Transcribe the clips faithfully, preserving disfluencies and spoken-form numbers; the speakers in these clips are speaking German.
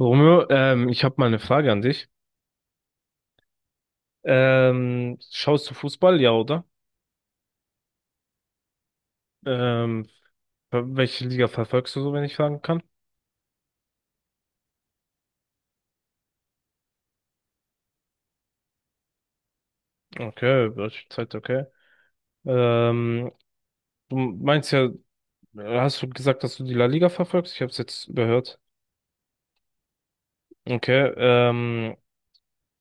Romeo, ähm, ich habe mal eine Frage an dich. Ähm, schaust du Fußball, ja, oder? Ähm, ver- Welche Liga verfolgst du so, wenn ich fragen kann? Okay, welche Zeit, okay. Ähm, Du meinst ja, hast du gesagt, dass du die La Liga verfolgst? Ich habe es jetzt überhört. Okay, ähm,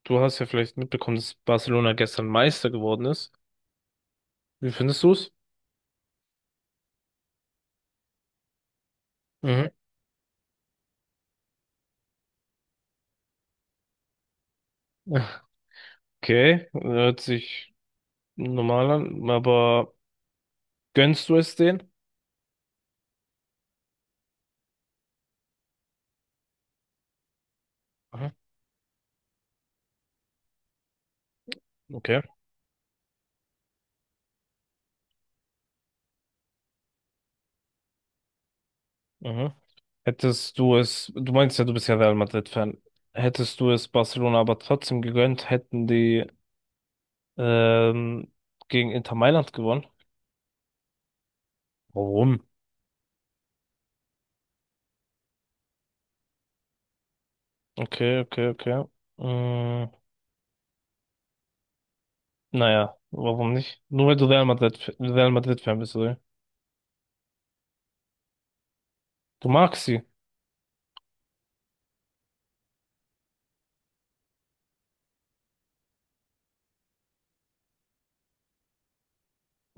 du hast ja vielleicht mitbekommen, dass Barcelona gestern Meister geworden ist. Wie findest du es? Mhm. Okay, hört sich normal an, aber gönnst du es denen? Mhm. Okay. Mhm. Hättest du es, du meinst ja, du bist ja Real Madrid-Fan. Hättest du es Barcelona aber trotzdem gegönnt, hätten die ähm, gegen Inter Mailand gewonnen? Warum? Okay, okay, okay. Mm, naja, warum nicht? Nur weil du Real Madrid, Real Madrid-Fan bist, oder? Du magst sie.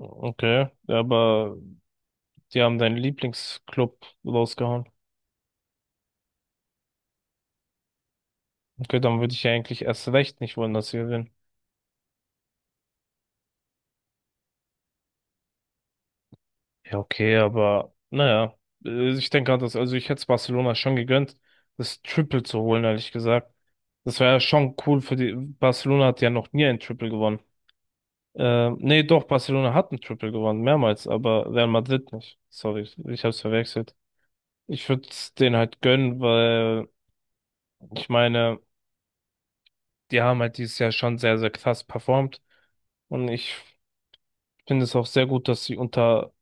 Okay, ja, aber die haben deinen Lieblingsclub rausgehauen. Okay, dann würde ich ja eigentlich erst recht nicht wollen, dass sie gewinnen. Ja, okay, aber naja, Äh, ich denke halt, dass, also ich hätte es Barcelona schon gegönnt, das Triple zu holen, ehrlich gesagt. Das wäre ja schon cool für die. Barcelona hat ja noch nie ein Triple gewonnen. Äh, nee, doch, Barcelona hat ein Triple gewonnen, mehrmals, aber Real Madrid nicht. Sorry, ich hab's verwechselt. Ich würde es denen halt gönnen, weil ich meine, die haben halt dieses Jahr schon sehr, sehr krass performt. Und ich finde es auch sehr gut, dass sie unter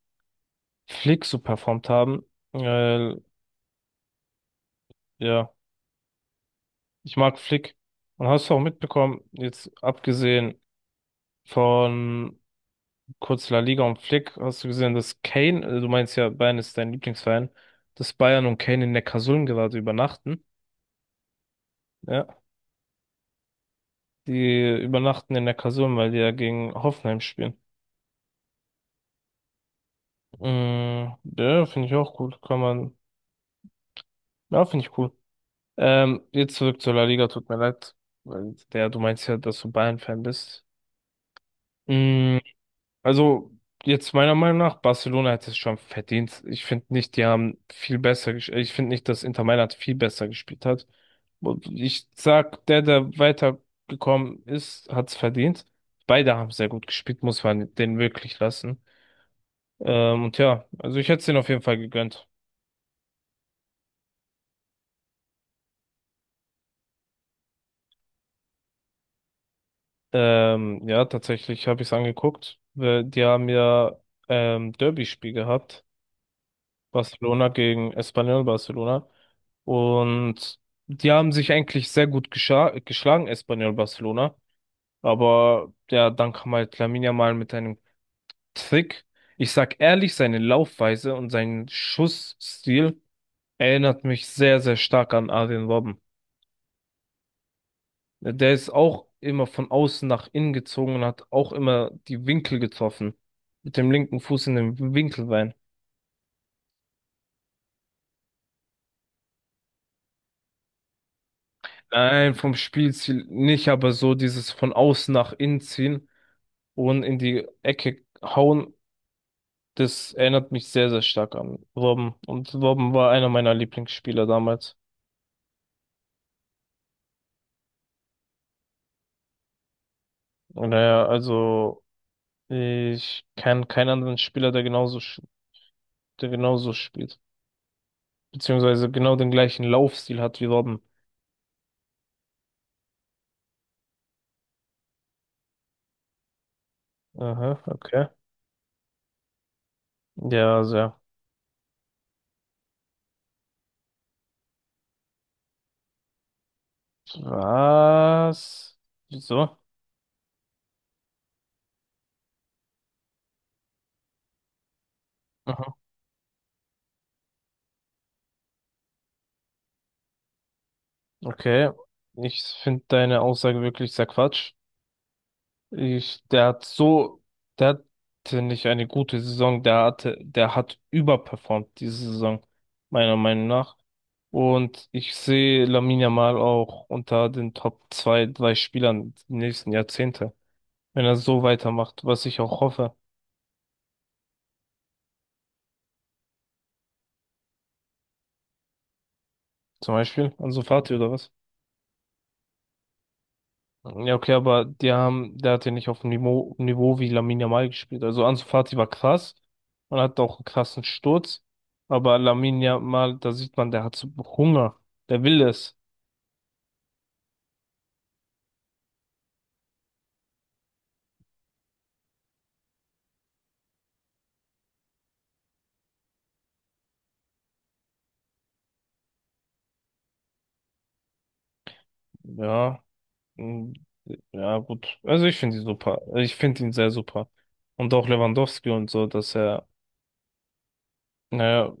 Flick so performt haben. Weil, ja. Ich mag Flick. Und hast du auch mitbekommen, jetzt abgesehen von kurz La Liga und Flick, hast du gesehen, dass Kane, äh, du meinst ja, Bayern ist dein Lieblingsverein, dass Bayern und Kane in Neckarsulm gerade übernachten. Ja, die übernachten in Neckarsulm, weil die ja gegen Hoffenheim spielen. Mm, ja, finde ich auch cool. Kann man, ja, finde ich cool. Ähm, jetzt zurück zur La Liga, tut mir leid, weil der, du meinst ja, dass du Bayern-Fan bist. Mm, Also, jetzt meiner Meinung nach, Barcelona hätte es schon verdient. Ich finde nicht, die haben viel besser gespielt. Ich finde nicht, dass Inter Mailand viel besser gespielt hat. Und ich sag, der, der weitergekommen ist, hat es verdient. Beide haben sehr gut gespielt, muss man denen wirklich lassen. Ähm, und ja, also ich hätte es denen auf jeden Fall gegönnt. Ähm, ja, tatsächlich habe ich es angeguckt. Weil Die haben ja ähm, Derby-Spiel gehabt. Barcelona gegen Espanyol Barcelona. Und die haben sich eigentlich sehr gut gescha- geschlagen, Espanyol Barcelona. Aber ja, dann kam halt Lamine Yamal mit einem Trick. Ich sag ehrlich, seine Laufweise und sein Schussstil erinnert mich sehr, sehr stark an Arjen Robben. Der ist auch immer von außen nach innen gezogen und hat auch immer die Winkel getroffen. Mit dem linken Fuß in den Winkel rein. Nein, vom Spielstil nicht, aber so dieses von außen nach innen ziehen und in die Ecke hauen, das erinnert mich sehr, sehr stark an Robben. Und Robben war einer meiner Lieblingsspieler damals. Und naja, also ich kenne keinen anderen Spieler, der genauso, sch- der genauso spielt. Beziehungsweise genau den gleichen Laufstil hat wie Robben. Aha, okay. Ja, sehr. Was? Wieso? Aha, okay. Ich finde deine Aussage wirklich sehr Quatsch. Ich, der hat so, der hatte nicht eine gute Saison, der hatte, der hat überperformt diese Saison, meiner Meinung nach. Und ich sehe Lamine Yamal auch unter den Top zwei, drei Spielern die nächsten Jahrzehnte, wenn er so weitermacht, was ich auch hoffe. Zum Beispiel Ansu Fati oder was? Ja, okay, aber die haben, der hat ja nicht auf dem Niveau, Niveau wie Lamine Yamal gespielt. Also Ansu Fati war krass und hat auch einen krassen Sturz. Aber Lamine Yamal, da sieht man, der hat so Hunger. Der will es. Ja. mm, ja, gut. Also ich finde ihn super. Ich finde ihn sehr super. Und auch Lewandowski und so, dass er, naja,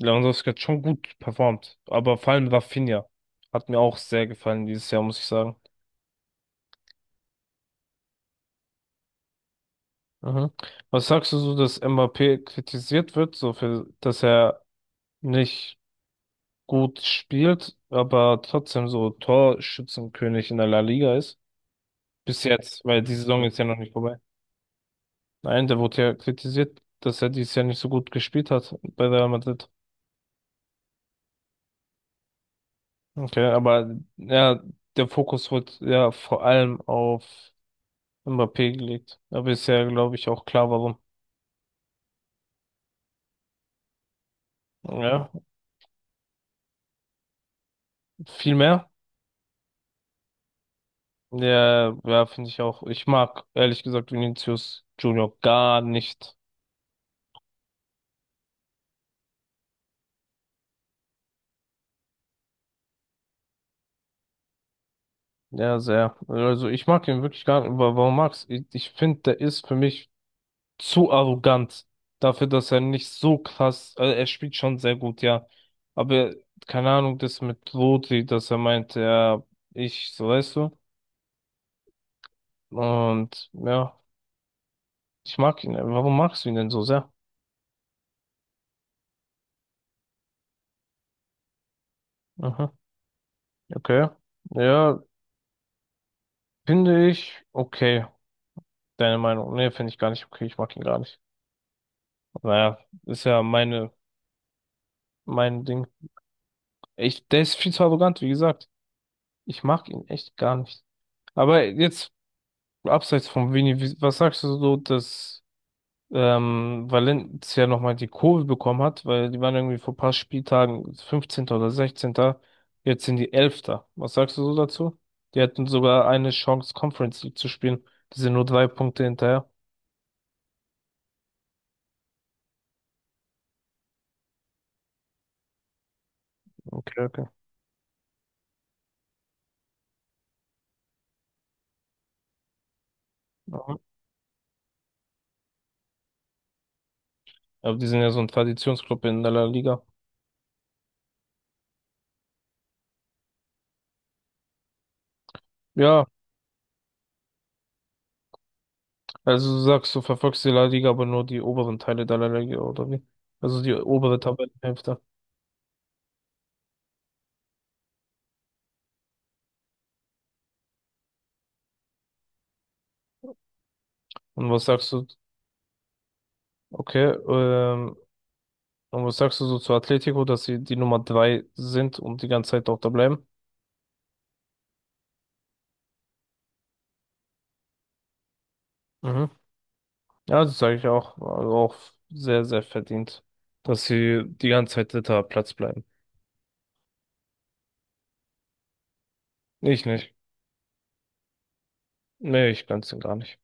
Lewandowski hat schon gut performt. Aber vor allem Rafinha hat mir auch sehr gefallen dieses Jahr, muss ich sagen. Mhm. Was sagst du so, dass Mbappé kritisiert wird, so für, dass er nicht gut spielt, aber trotzdem so Torschützenkönig in der La Liga ist? Bis jetzt, weil die Saison ist ja noch nicht vorbei. Nein, der wurde ja kritisiert, dass er dieses Jahr nicht so gut gespielt hat bei Real Madrid. Okay, aber ja, der Fokus wird ja vor allem auf Mbappé gelegt. Aber ist ja, glaube ich, auch klar, warum. Ja, viel mehr. Ja, ja, finde ich auch. Ich mag ehrlich gesagt Vinicius Junior gar nicht. Ja, sehr. Also ich mag ihn wirklich gar nicht. Wa- Warum magst du? Ich, ich finde, der ist für mich zu arrogant dafür, dass er nicht so krass. Also er spielt schon sehr gut, ja. Aber keine Ahnung, das mit Rodri, dass er meint, ja, ich, so weißt du. Und ja, ich mag ihn. Warum magst du ihn denn so sehr? Aha, okay. Ja, finde ich okay. Deine Meinung? Nee, finde ich gar nicht okay. Ich mag ihn gar nicht. Naja, ist ja meine, mein Ding. Ich, der ist viel zu arrogant, wie gesagt. Ich mag ihn echt gar nicht. Aber jetzt, abseits von Vini, wie- was sagst du so, dass ähm, Valencia nochmal die Kurve bekommen hat? Weil die waren irgendwie vor ein paar Spieltagen fünfzehnter oder sechzehnter, Jetzt sind die elfter. Was sagst du so dazu? Die hatten sogar eine Chance, Conference League zu spielen. Die sind nur drei Punkte hinterher. Okay, okay. Mhm. Aber die sind ja so ein Traditionsclub in der La Liga. Ja, also du sagst, du verfolgst die La Liga, aber nur die oberen Teile der La Liga, oder wie? Also die obere Tabellenhälfte. Und was sagst du, okay, ähm, und was sagst du so zu Atletico, dass sie die Nummer drei sind und die ganze Zeit dort da bleiben? Mhm. Ja, das sage ich auch. Also auch sehr, sehr verdient, dass sie die ganze Zeit dritter Platz bleiben. Ich nicht. Nee, ich ganz und gar nicht.